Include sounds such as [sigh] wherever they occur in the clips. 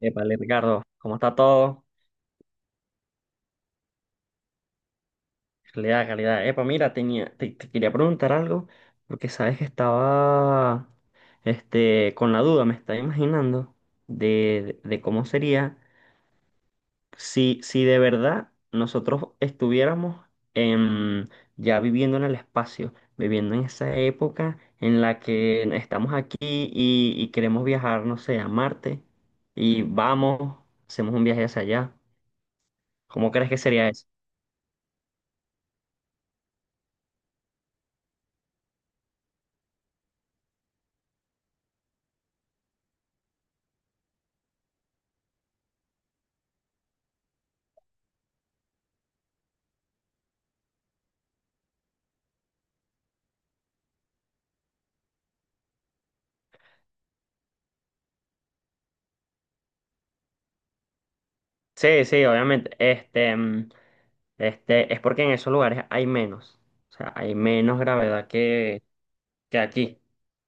Epa, Ricardo, ¿cómo está todo? Calidad, calidad. Epa, mira, tenía, te quería preguntar algo, porque sabes que estaba con la duda, me estaba imaginando cómo sería si de verdad nosotros estuviéramos en, ya viviendo en el espacio, viviendo en esa época en la que estamos aquí y queremos viajar, no sé, a Marte, y vamos, hacemos un viaje hacia allá. ¿Cómo crees que sería eso? Sí, sí, obviamente. Es porque en esos lugares hay menos. O sea, hay menos gravedad que aquí.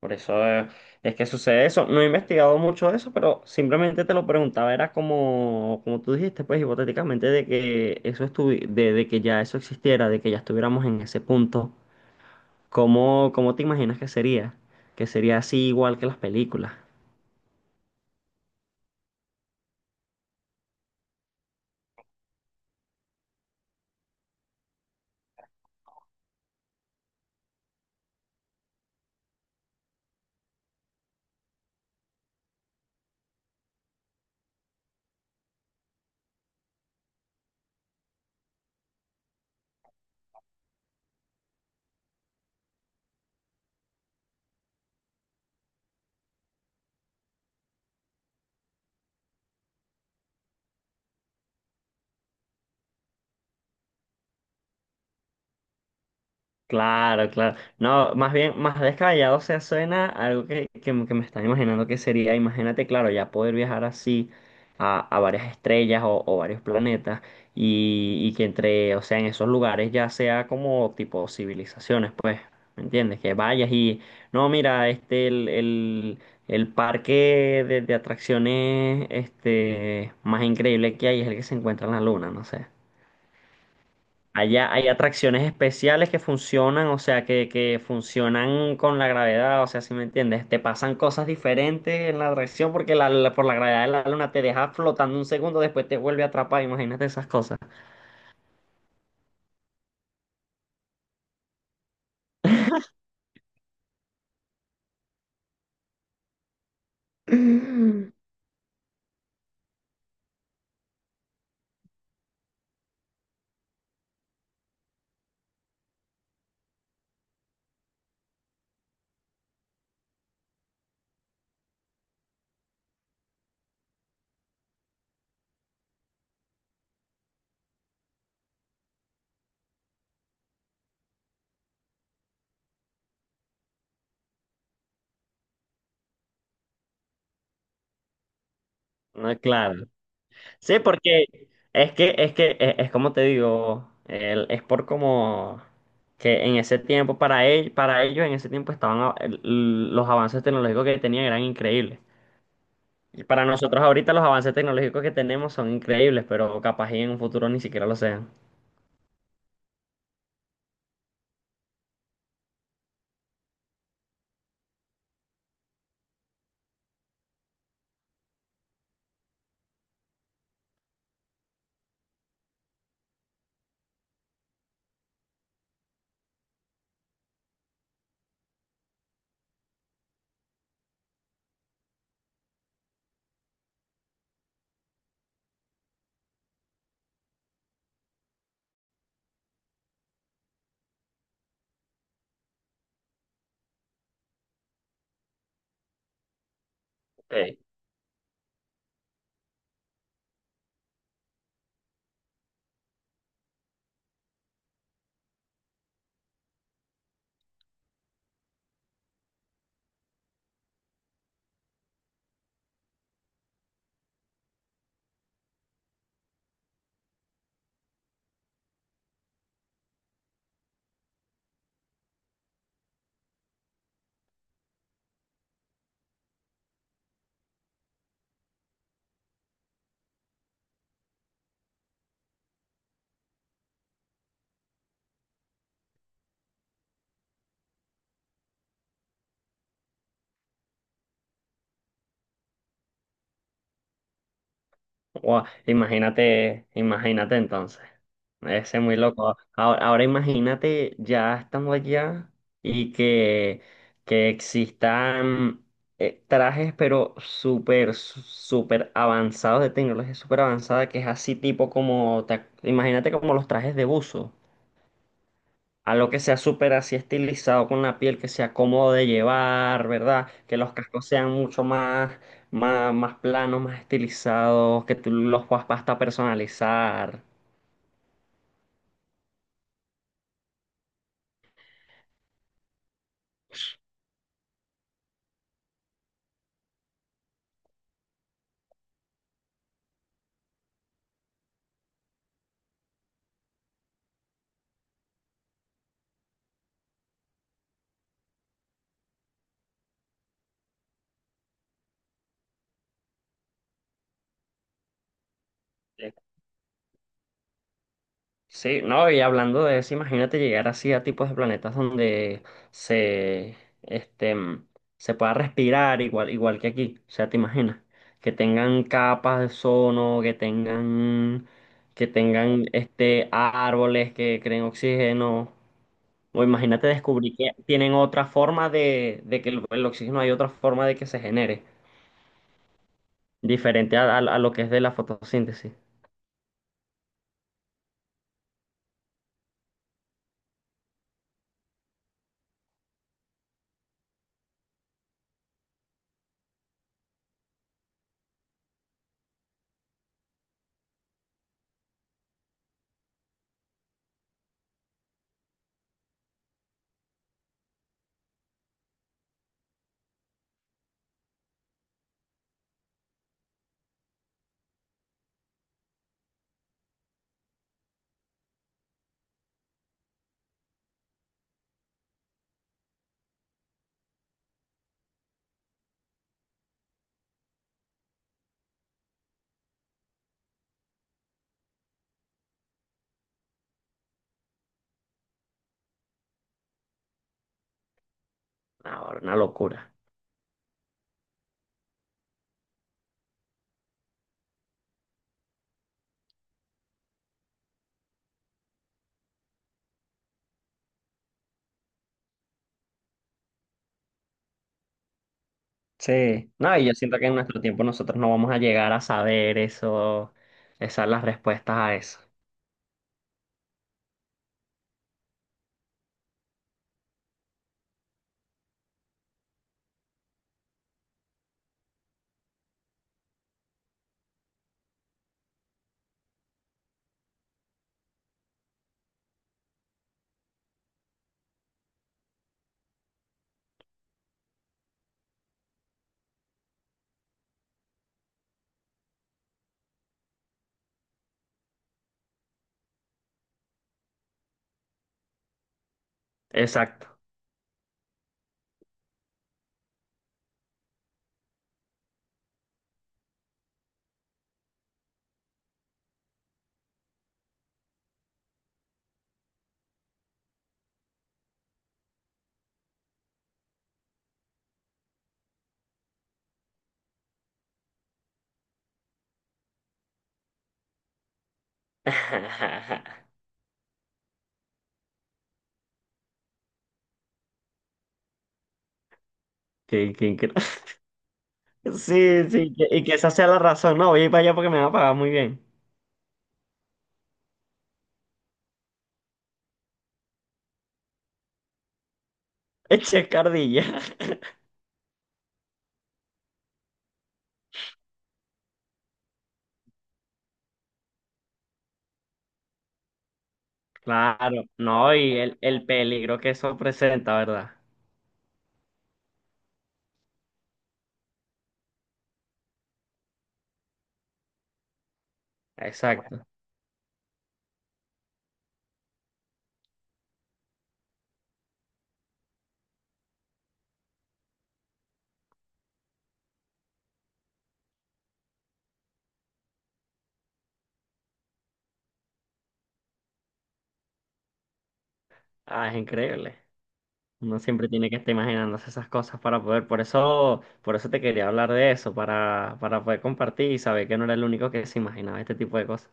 Por eso es que sucede eso. No he investigado mucho de eso, pero simplemente te lo preguntaba. Era como, como tú dijiste, pues hipotéticamente, de que eso estuvi- de que ya eso existiera, de que ya estuviéramos en ese punto. ¿Cómo, cómo te imaginas que sería? Que sería así igual que las películas. Claro, claro. No, más bien, más descabellado, o sea, suena algo que me estaba imaginando que sería, imagínate, claro, ya poder viajar así a varias estrellas o varios planetas y que entre, o sea, en esos lugares ya sea como tipo civilizaciones, pues, ¿me entiendes? Que vayas y, no, mira, el parque de atracciones, este, más increíble que hay es el que se encuentra en la luna, no sé. Allá hay atracciones especiales que funcionan, o sea, que funcionan con la gravedad, o sea, ¿si me entiendes? Te pasan cosas diferentes en la atracción porque por la gravedad de la luna te deja flotando un segundo, después te vuelve a atrapar, imagínate esas cosas. [laughs] No, claro. Sí, porque es, como te digo, es por como que en ese tiempo, para él, para ellos en ese tiempo los avances tecnológicos que tenían eran increíbles. Y para nosotros ahorita los avances tecnológicos que tenemos son increíbles, pero capaz y en un futuro ni siquiera lo sean. Ey, guau, imagínate, imagínate entonces. Ese es muy loco. Ahora, ahora imagínate ya estando allá y que existan trajes, pero súper avanzados de tecnología, súper avanzada, que es así tipo como, imagínate como los trajes de buzo. Algo que sea súper así estilizado con la piel, que sea cómodo de llevar, ¿verdad? Que los cascos sean mucho más, más planos, más estilizados, que tú los puedas hasta personalizar. Eh, Sí, no, y hablando de eso, imagínate llegar así a tipos de planetas donde se, este, mm, se pueda respirar igual, igual que aquí. O sea, te imaginas, que tengan capas de ozono, que tengan este, árboles que creen oxígeno. O imagínate descubrir que tienen otra forma de que el oxígeno hay otra forma de que se genere, diferente a lo que es de la fotosíntesis. Ahora, una locura. Sí, no, y yo siento que en nuestro tiempo nosotros no vamos a llegar a saber eso, esas las respuestas a eso. Exacto. [laughs] Qué- qué incre- [laughs] Sí, sí, y que esa sea la razón. No, voy a ir para allá porque me va a pagar muy bien. Eche cardilla. [laughs] Claro, no, y el peligro que eso presenta, ¿verdad? Exacto. Ah, es increíble. Uno siempre tiene que estar imaginándose esas cosas para poder. Por eso te quería hablar de eso, para poder compartir y saber que no era el único que se imaginaba este tipo de cosas.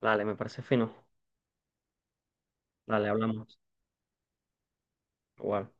Dale, me parece fino. Dale, hablamos. Igual.